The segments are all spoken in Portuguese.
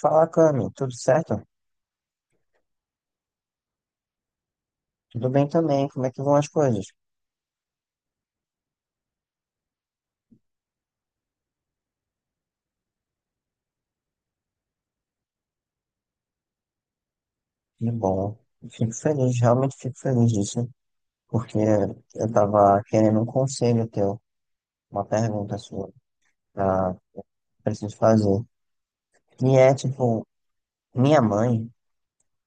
Fala, Cami, tudo certo? Tudo bem também, como é que vão as coisas? Que bom, eu fico feliz, realmente fico feliz disso, porque eu tava querendo um conselho teu, uma pergunta sua, pra, preciso fazer. E é tipo, minha mãe,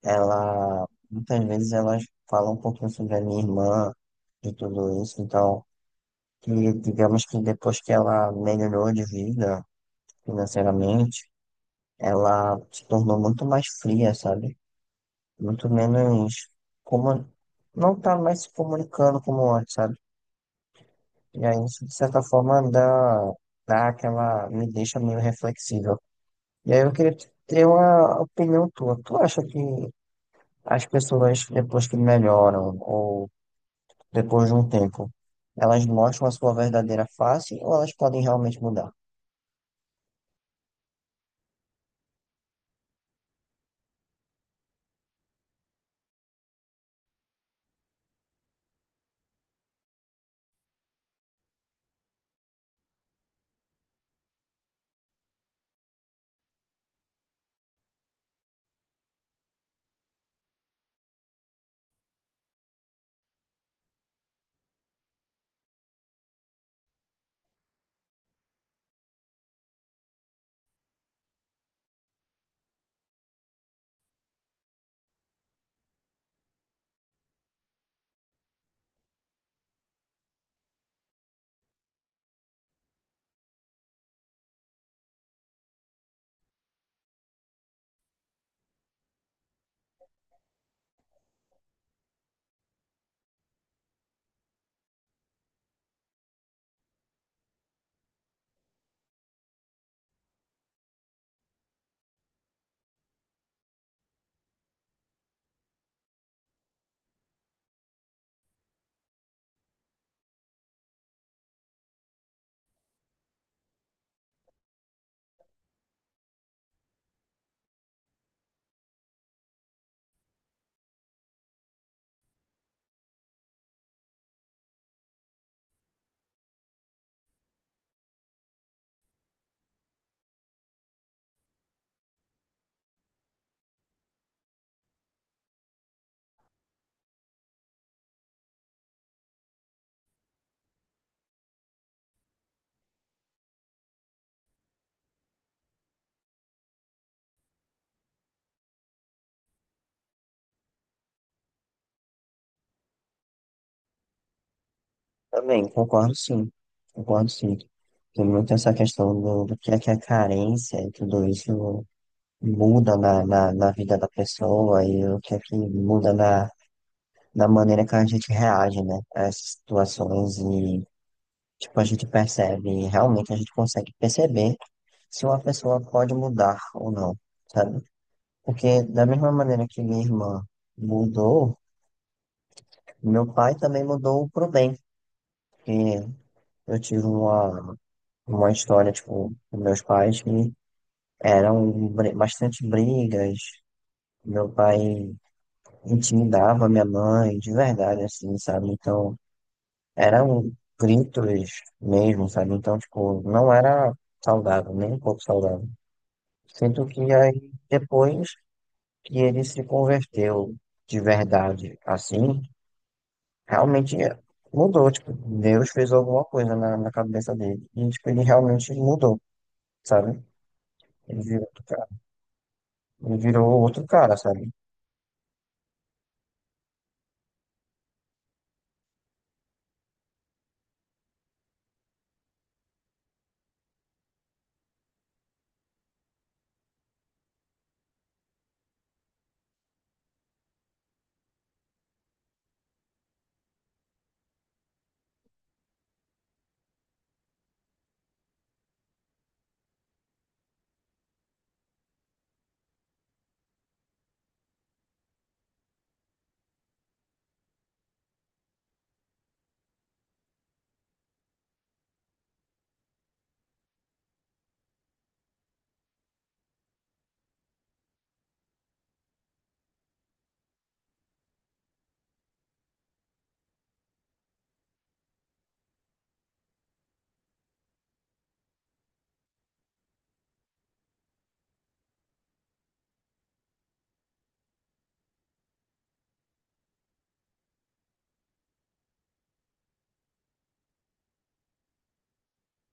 ela, muitas vezes elas falam um pouquinho sobre a minha irmã, de tudo isso, então, que digamos que depois que ela melhorou de vida financeiramente, ela se tornou muito mais fria, sabe? Muito menos como não tá mais se comunicando como antes, sabe? E aí, isso, de certa forma, dá aquela, me deixa meio reflexível. E aí eu queria ter uma opinião tua. Tu acha que as pessoas, depois que melhoram, ou depois de um tempo, elas mostram a sua verdadeira face ou elas podem realmente mudar? Também, concordo sim. Concordo sim. Tem muito essa questão do que é carência e tudo isso muda na vida da pessoa e o que é que muda na, na maneira que a gente reage, né, a essas situações e, tipo, a gente percebe, realmente a gente consegue perceber se uma pessoa pode mudar ou não, sabe? Porque da mesma maneira que minha irmã mudou, meu pai também mudou pro bem, porque eu tive uma história, tipo, com meus pais que eram bastante brigas, meu pai intimidava minha mãe, de verdade, assim, sabe? Então, eram gritos mesmo, sabe? Então, tipo, não era saudável, nem um pouco saudável. Sinto que aí, depois que ele se converteu de verdade, assim, realmente mudou, tipo, Deus fez alguma coisa na cabeça dele. E, tipo, ele realmente mudou, sabe? Ele virou outro cara. Ele virou outro cara, sabe?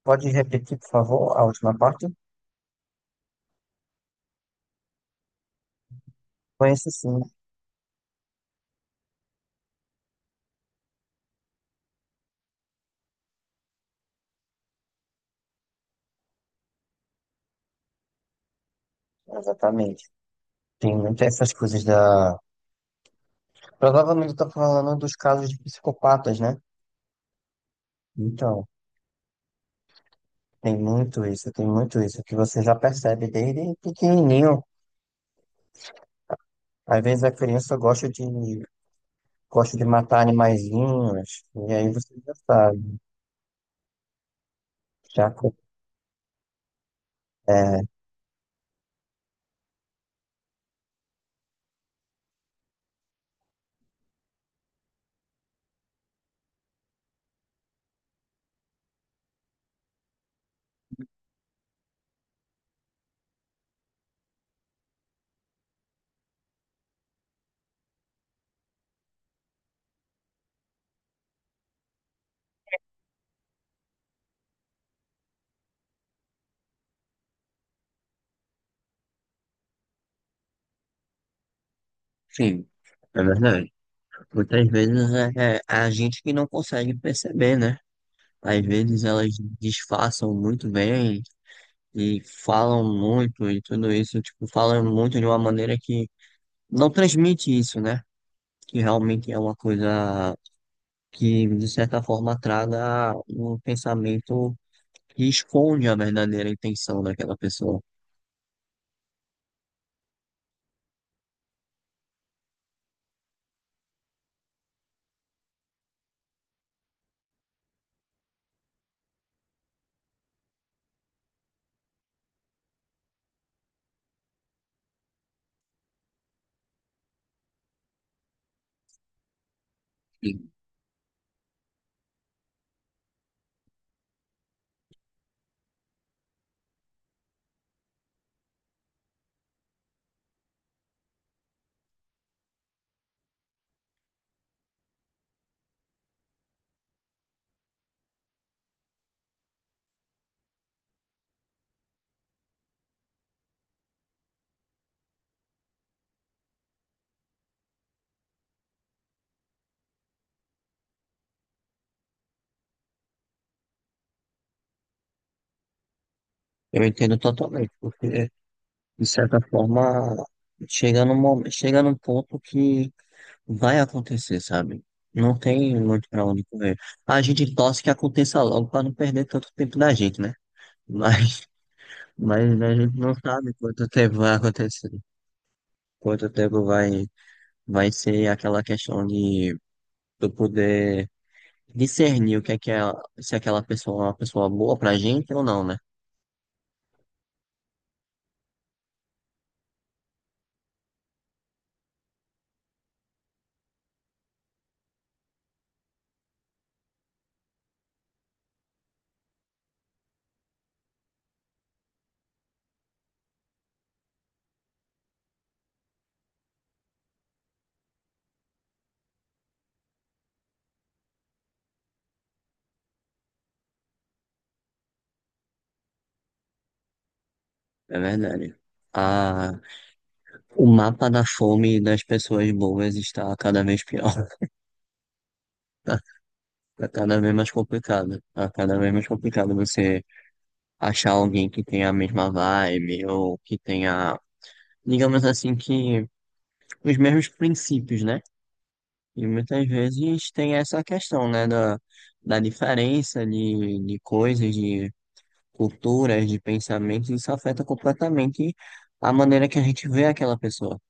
Pode repetir, por favor, a última parte? Conhece sim, exatamente. Tem muitas essas coisas da. Provavelmente eu tô falando dos casos de psicopatas, né? Então, tem muito isso, que você já percebe desde pequenininho. Às vezes a criança gosta de matar animaizinhos, e aí você já sabe. Já... co- Sim, é verdade. Muitas vezes é a gente que não consegue perceber, né? Às vezes elas disfarçam muito bem e falam muito e tudo isso, tipo, falam muito de uma maneira que não transmite isso, né? Que realmente é uma coisa que, de certa forma, traga um pensamento que esconde a verdadeira intenção daquela pessoa. E eu entendo totalmente, porque, de certa forma, chega num ponto que vai acontecer, sabe? Não tem muito pra onde correr. A gente torce que aconteça logo pra não perder tanto tempo da gente, né? Mas, mas a gente não sabe quanto tempo vai acontecer, quanto tempo vai. Vai ser aquela questão de eu poder discernir o que é, se aquela pessoa é uma pessoa boa pra gente ou não, né? É verdade. Ah, o mapa da fome das pessoas boas está cada vez pior. Está cada vez mais complicado. Está cada vez mais complicado você achar alguém que tenha a mesma vibe ou que tenha, digamos assim, que os mesmos princípios, né? E muitas vezes tem essa questão, né, da diferença de coisas, de culturas, de pensamentos, isso afeta completamente a maneira que a gente vê aquela pessoa.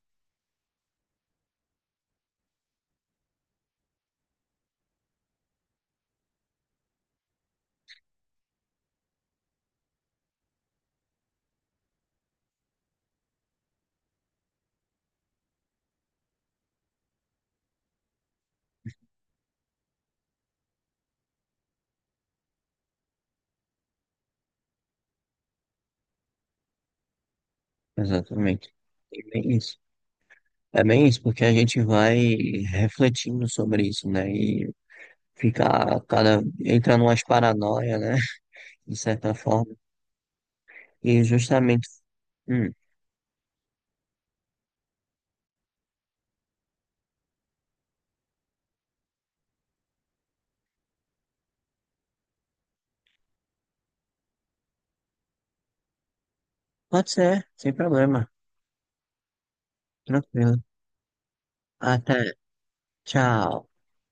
Exatamente. É bem isso. É bem isso, porque a gente vai refletindo sobre isso, né? E fica cada, entra numas paranoia, né? De certa forma. E justamente, hum, pode ser, sem problema. Tranquilo. Até. Tchau.